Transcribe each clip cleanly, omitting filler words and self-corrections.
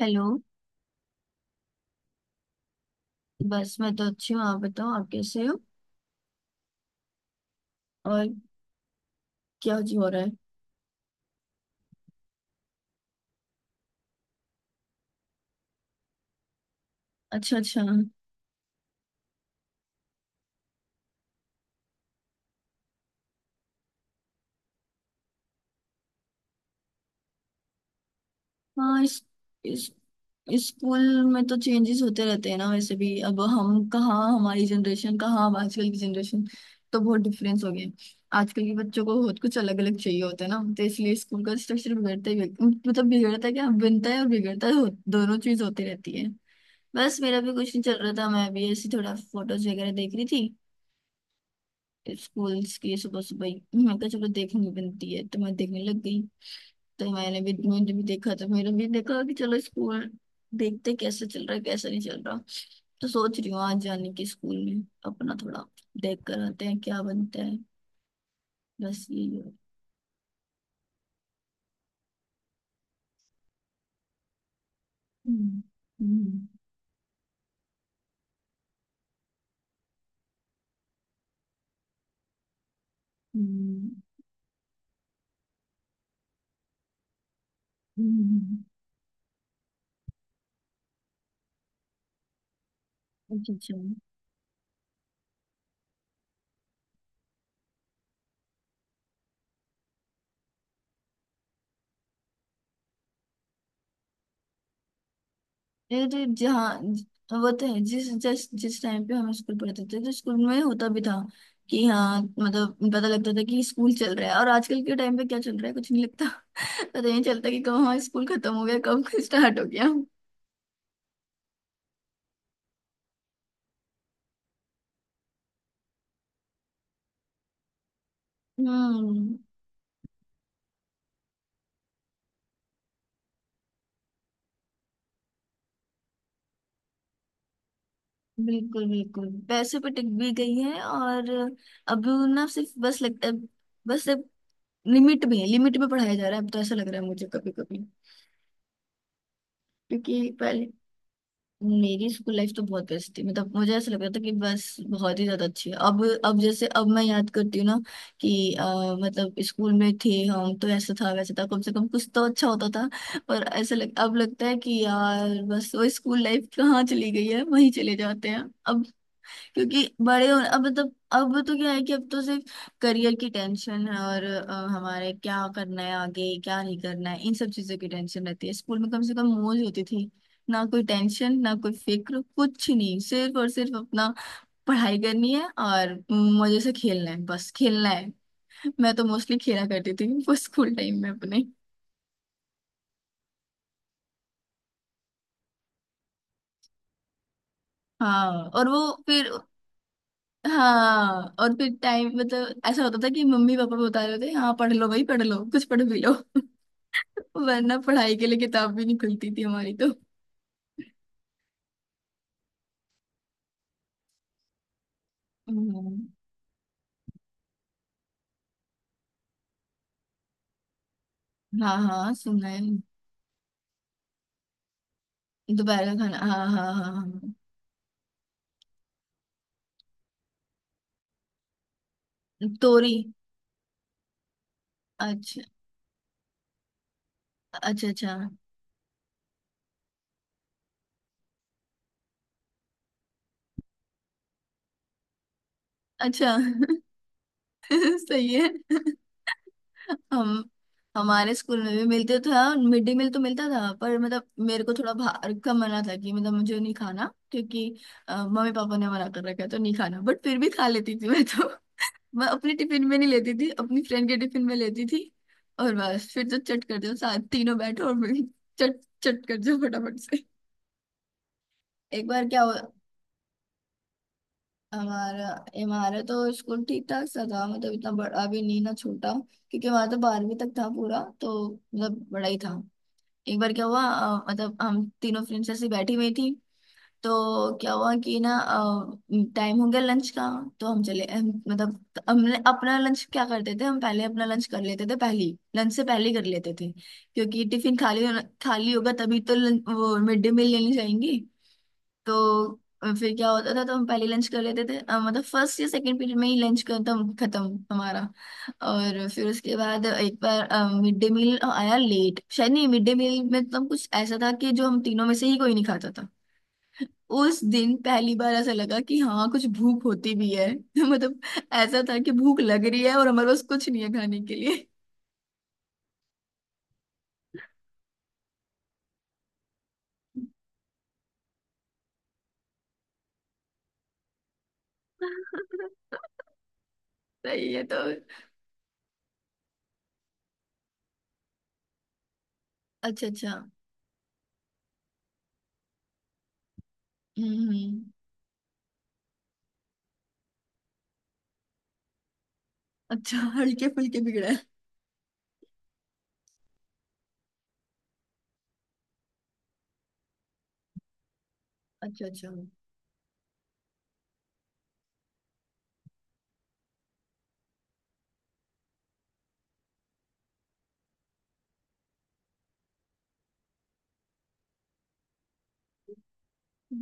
Hello. बस मैं तो अच्छी हूँ, आप बताओ आप कैसे हो। और क्या जी हो रहा है। अच्छा अच्छा। हाँ, इस स्कूल में तो चेंजेस होते रहते हैं ना, वैसे भी अब हम कहाँ, हमारी जनरेशन कहाँ, अब आजकल की जनरेशन तो बहुत डिफरेंस हो गया है। आजकल के बच्चों को बहुत कुछ अलग अलग चाहिए होता है ना, तो इसलिए स्कूल का स्ट्रक्चर बिगड़ता ही मतलब बिगड़ता है, क्या बनता है और बिगड़ता है, दोनों चीज होती रहती है। बस मेरा भी कुछ नहीं चल रहा था, मैं भी ऐसी थोड़ा फोटोज वगैरह देख रही थी स्कूल्स की। सुबह सुबह ही मैं कहा चलो देखनी बनती है तो मैं देखने लग गई। तो मैंने भी देखा तो मैंने भी देखा कि चलो स्कूल देखते कैसे चल रहा है कैसे नहीं चल रहा। तो सोच रही हूँ आज जाने की स्कूल में, अपना थोड़ा देख कर आते हैं क्या बनता है। बस यही है। हम्म। हम्म। हम्म। हम्म। अच्छा अच्छा। अरे जहाँ वो तो है, जिस जिस जिस टाइम पे हम स्कूल पढ़ते थे तो स्कूल में होता भी था कि हाँ मतलब पता लगता था कि स्कूल चल रहा है, और आजकल के टाइम पे क्या चल रहा है कुछ नहीं लगता। पता नहीं चलता कि कब हमारा स्कूल खत्म हो गया, कब स्टार्ट हो गया। हम्म। बिल्कुल बिल्कुल पैसे पे टिक भी गई है। और अब ना सिर्फ बस लगता है, बस अब लिमिट में है, लिमिट में पढ़ाया जा रहा है, अब तो ऐसा लग रहा है मुझे कभी कभी। क्योंकि पहले मेरी स्कूल लाइफ तो बहुत बेस्ट थी, मतलब मुझे ऐसा लगता था कि बस बहुत ही ज्यादा अच्छी है। अब जैसे अब मैं याद करती हूँ ना कि मतलब स्कूल में थे हम तो ऐसा था वैसा था, कम से कम कुछ तो अच्छा होता था। अब लगता है कि यार बस वो स्कूल लाइफ कहाँ चली गई है, वहीं चले जाते हैं अब। क्योंकि बड़े हो अब मतलब अब तो क्या है कि अब तो सिर्फ करियर की टेंशन है, और हमारे क्या करना है आगे क्या नहीं करना है इन सब चीजों की टेंशन रहती है। स्कूल में कम से कम मौज होती थी, ना कोई टेंशन ना कोई फिक्र कुछ नहीं, सिर्फ और सिर्फ अपना पढ़ाई करनी है और मजे से खेलना है, बस खेलना है। मैं तो मोस्टली खेला करती थी वो स्कूल टाइम में अपने। हाँ और वो फिर हाँ और फिर टाइम मतलब ऐसा होता था कि मम्मी पापा बता रहे होते हाँ पढ़ लो भाई पढ़ लो कुछ पढ़ भी लो, वरना पढ़ाई के लिए किताब भी नहीं खुलती थी हमारी तो। हम्म। हाँ हाँ सुना है। दोपहर का खाना, हाँ हाँ हाँ हाँ। हाँ। तोरी। अच्छा। अच्छा अच्छा अच्छा। सही है। हम हमारे स्कूल में भी मिलते तो था, मिड डे मील तो मिलता था पर मतलब मेरे को थोड़ा बाहर का मना था कि मतलब मुझे नहीं खाना, क्योंकि मम्मी पापा ने मना कर रखा है तो नहीं खाना, बट फिर भी खा लेती थी मैं तो। मैं अपने टिफिन में नहीं लेती थी, अपनी फ्रेंड के टिफिन में लेती थी। और बस फिर तो चट कर दो, साथ तीनों बैठो और फिर चट चट कर जाओ फटाफट से। एक बार क्या हुआ। हमारा हमारा तो स्कूल ठीक ठाक सा था, मतलब इतना बड़ा भी नहीं ना छोटा। क्योंकि हमारा तो 12वीं तक था पूरा, तो मतलब बड़ा ही था। एक बार क्या हुआ, मतलब हम तीनों फ्रेंड्स ऐसे बैठी हुई थी। तो क्या हुआ कि ना टाइम हो गया लंच का, तो मतलब हमने अपना लंच क्या करते थे, हम पहले अपना लंच कर लेते थे पहले, लंच से पहले ही कर लेते थे। क्योंकि टिफिन खाली होना, खाली होगा तभी तो लंच, वो मिड डे मील लेने जाएंगे। तो फिर क्या होता था, तो हम पहले लंच कर लेते थे, मतलब फर्स्ट या सेकंड पीरियड में ही लंच खत्म खत्म हमारा। और फिर उसके बाद एक बार मिड डे मील आया लेट, शायद नहीं मिड डे मील में तो कुछ ऐसा था कि जो हम तीनों में से ही कोई नहीं खाता था। उस दिन पहली बार ऐसा लगा कि हाँ कुछ भूख होती भी है मतलब ऐसा था कि भूख लग रही है और हमारे पास कुछ नहीं है खाने के लिए। सही है तो। अच्छा अच्छा। हम्म। हम्म। अच्छा हल्के फुल्के बिगड़ा है। अच्छा अच्छा।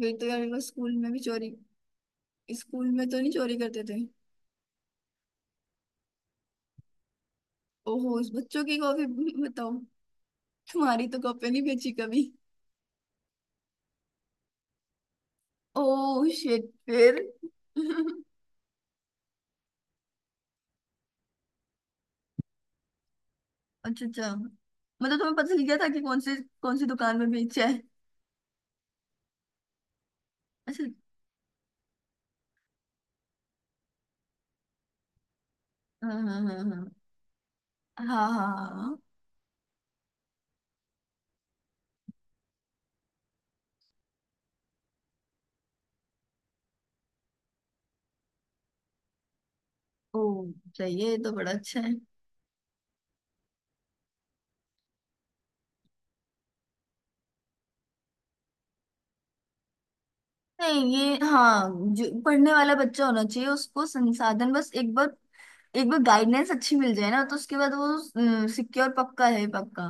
फिर तो यार वो स्कूल में भी चोरी, स्कूल में तो नहीं चोरी करते थे। ओहो उस बच्चों की कॉपी। बताओ। तुम्हारी तो कॉपी नहीं बेची कभी। ओह शिट फिर। अच्छा अच्छा, मतलब तुम्हें पता चल गया था कि कौन सी, कौन सी दुकान में बेचा है। अच्छा। हाँ हाँ हाँ हाँ हाँ हाँ हाँ, हाँ। ओ सही है ये तो बड़ा अच्छा है। नहीं ये, हाँ जो पढ़ने वाला बच्चा होना चाहिए उसको संसाधन बस एक बार, एक बार गाइडेंस अच्छी मिल जाए ना, तो उसके बाद वो सिक्योर पक्का है पक्का।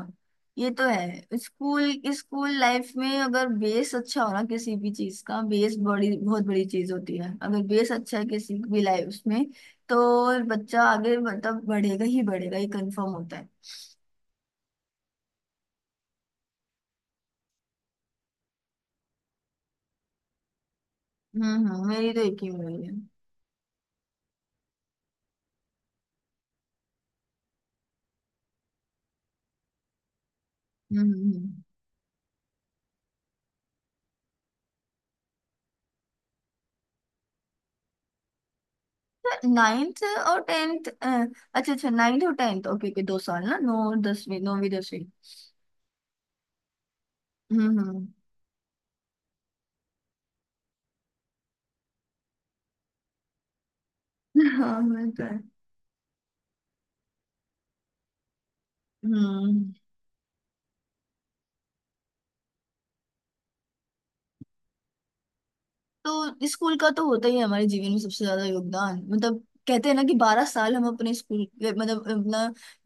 ये तो है, स्कूल स्कूल लाइफ में अगर बेस अच्छा हो ना, किसी भी चीज का बेस बड़ी बहुत बड़ी चीज होती है, अगर बेस अच्छा है किसी भी लाइफ उसमें तो बच्चा आगे मतलब बढ़ेगा ही बढ़ेगा, ये कंफर्म होता है। हम्म। मेरी तो एक ही उम्मीद है। हम्म। हम्म। हम्म। नाइन्थ और टेंथ। अच्छा अच्छा, नाइन्थ और टेंथ, ओके ओके 2 साल ना, नौ और 10वीं, 9वीं 10वीं। हम्म। हम्म। हाँ, वो तो है। हम्म। तो स्कूल का तो होता ही है हमारे जीवन में सबसे ज्यादा योगदान मतलब, कहते हैं ना कि 12 साल हम अपने स्कूल मतलब अपना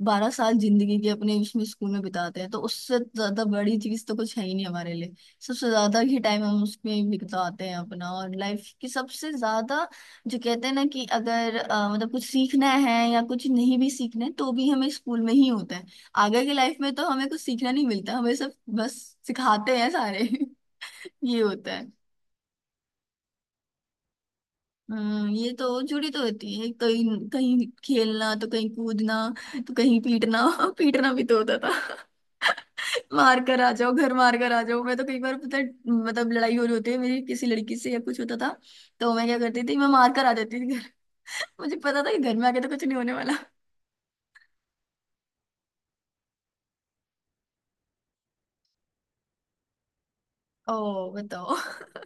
12 साल जिंदगी के अपने उसमें स्कूल में बिताते हैं, तो उससे ज्यादा बड़ी चीज तो कुछ है ही नहीं हमारे लिए। सबसे ज्यादा ही टाइम हम उसमें बिताते हैं अपना, और लाइफ की सबसे ज्यादा जो कहते हैं ना कि अगर मतलब कुछ सीखना है या कुछ नहीं भी सीखना है तो भी हमें स्कूल में ही होता है। आगे की लाइफ में तो हमें कुछ सीखना नहीं मिलता, हमें सब बस सिखाते हैं सारे। ये होता है। ये तो जुड़ी तो होती है, कहीं कहीं खेलना तो कहीं कूदना तो कहीं पीटना। पीटना भी तो होता था। मार कर आ जाओ घर, मार कर आ जाओ। मैं तो कई बार पता है, मतलब लड़ाई हो रही होती है मेरी किसी लड़की से या कुछ होता था, तो मैं क्या करती थी मैं मार कर आ जाती थी घर। मुझे पता था कि घर में आके तो कुछ नहीं होने वाला। ओ बताओ।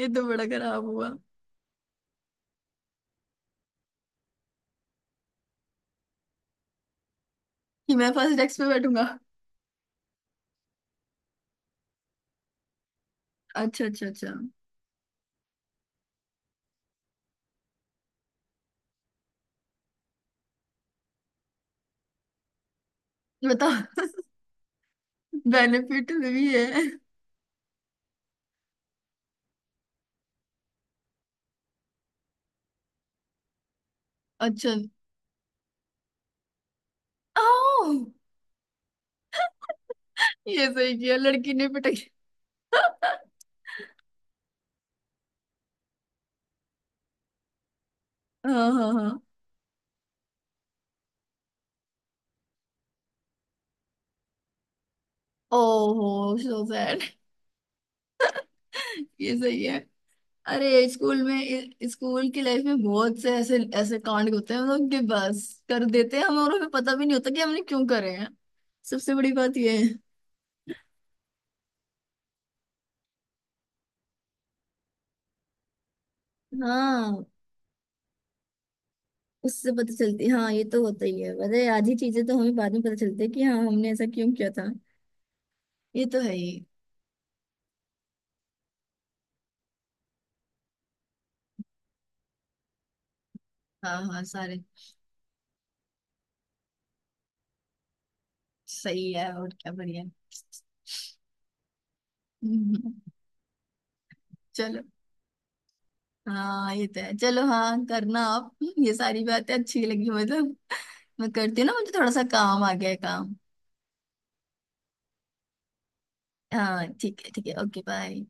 ये तो बड़ा खराब हुआ। कि मैं फर्स्ट डेस्क पे बैठूंगा। अच्छा अच्छा अच्छा। बताओ। बेनिफिट भी है। अच्छा। ओ ये सही किया लड़की ने पिटाई। हाँ हाँ हाँ। ओहो सो सैड। ये सही है। अरे स्कूल में स्कूल की लाइफ में बहुत से ऐसे ऐसे कांड होते हैं, मतलब कि बस कर देते हैं हमें और हमें पता भी नहीं होता कि हमने क्यों करे हैं। सबसे बड़ी बात ये है। हाँ उससे पता चलती, हाँ ये तो होता ही है, पता है आधी चीजें तो हमें बाद में पता चलती है कि हाँ हमने ऐसा क्यों किया था। ये तो है ही। हाँ हाँ सारे। सही है और क्या बढ़िया। हम्म, चलो हाँ ये तो है चलो, हाँ करना आप, ये सारी बातें अच्छी लगी मतलब। मैं करती हूँ ना मुझे थोड़ा सा काम आ गया है काम। हाँ ठीक है ठीक है, ओके बाय।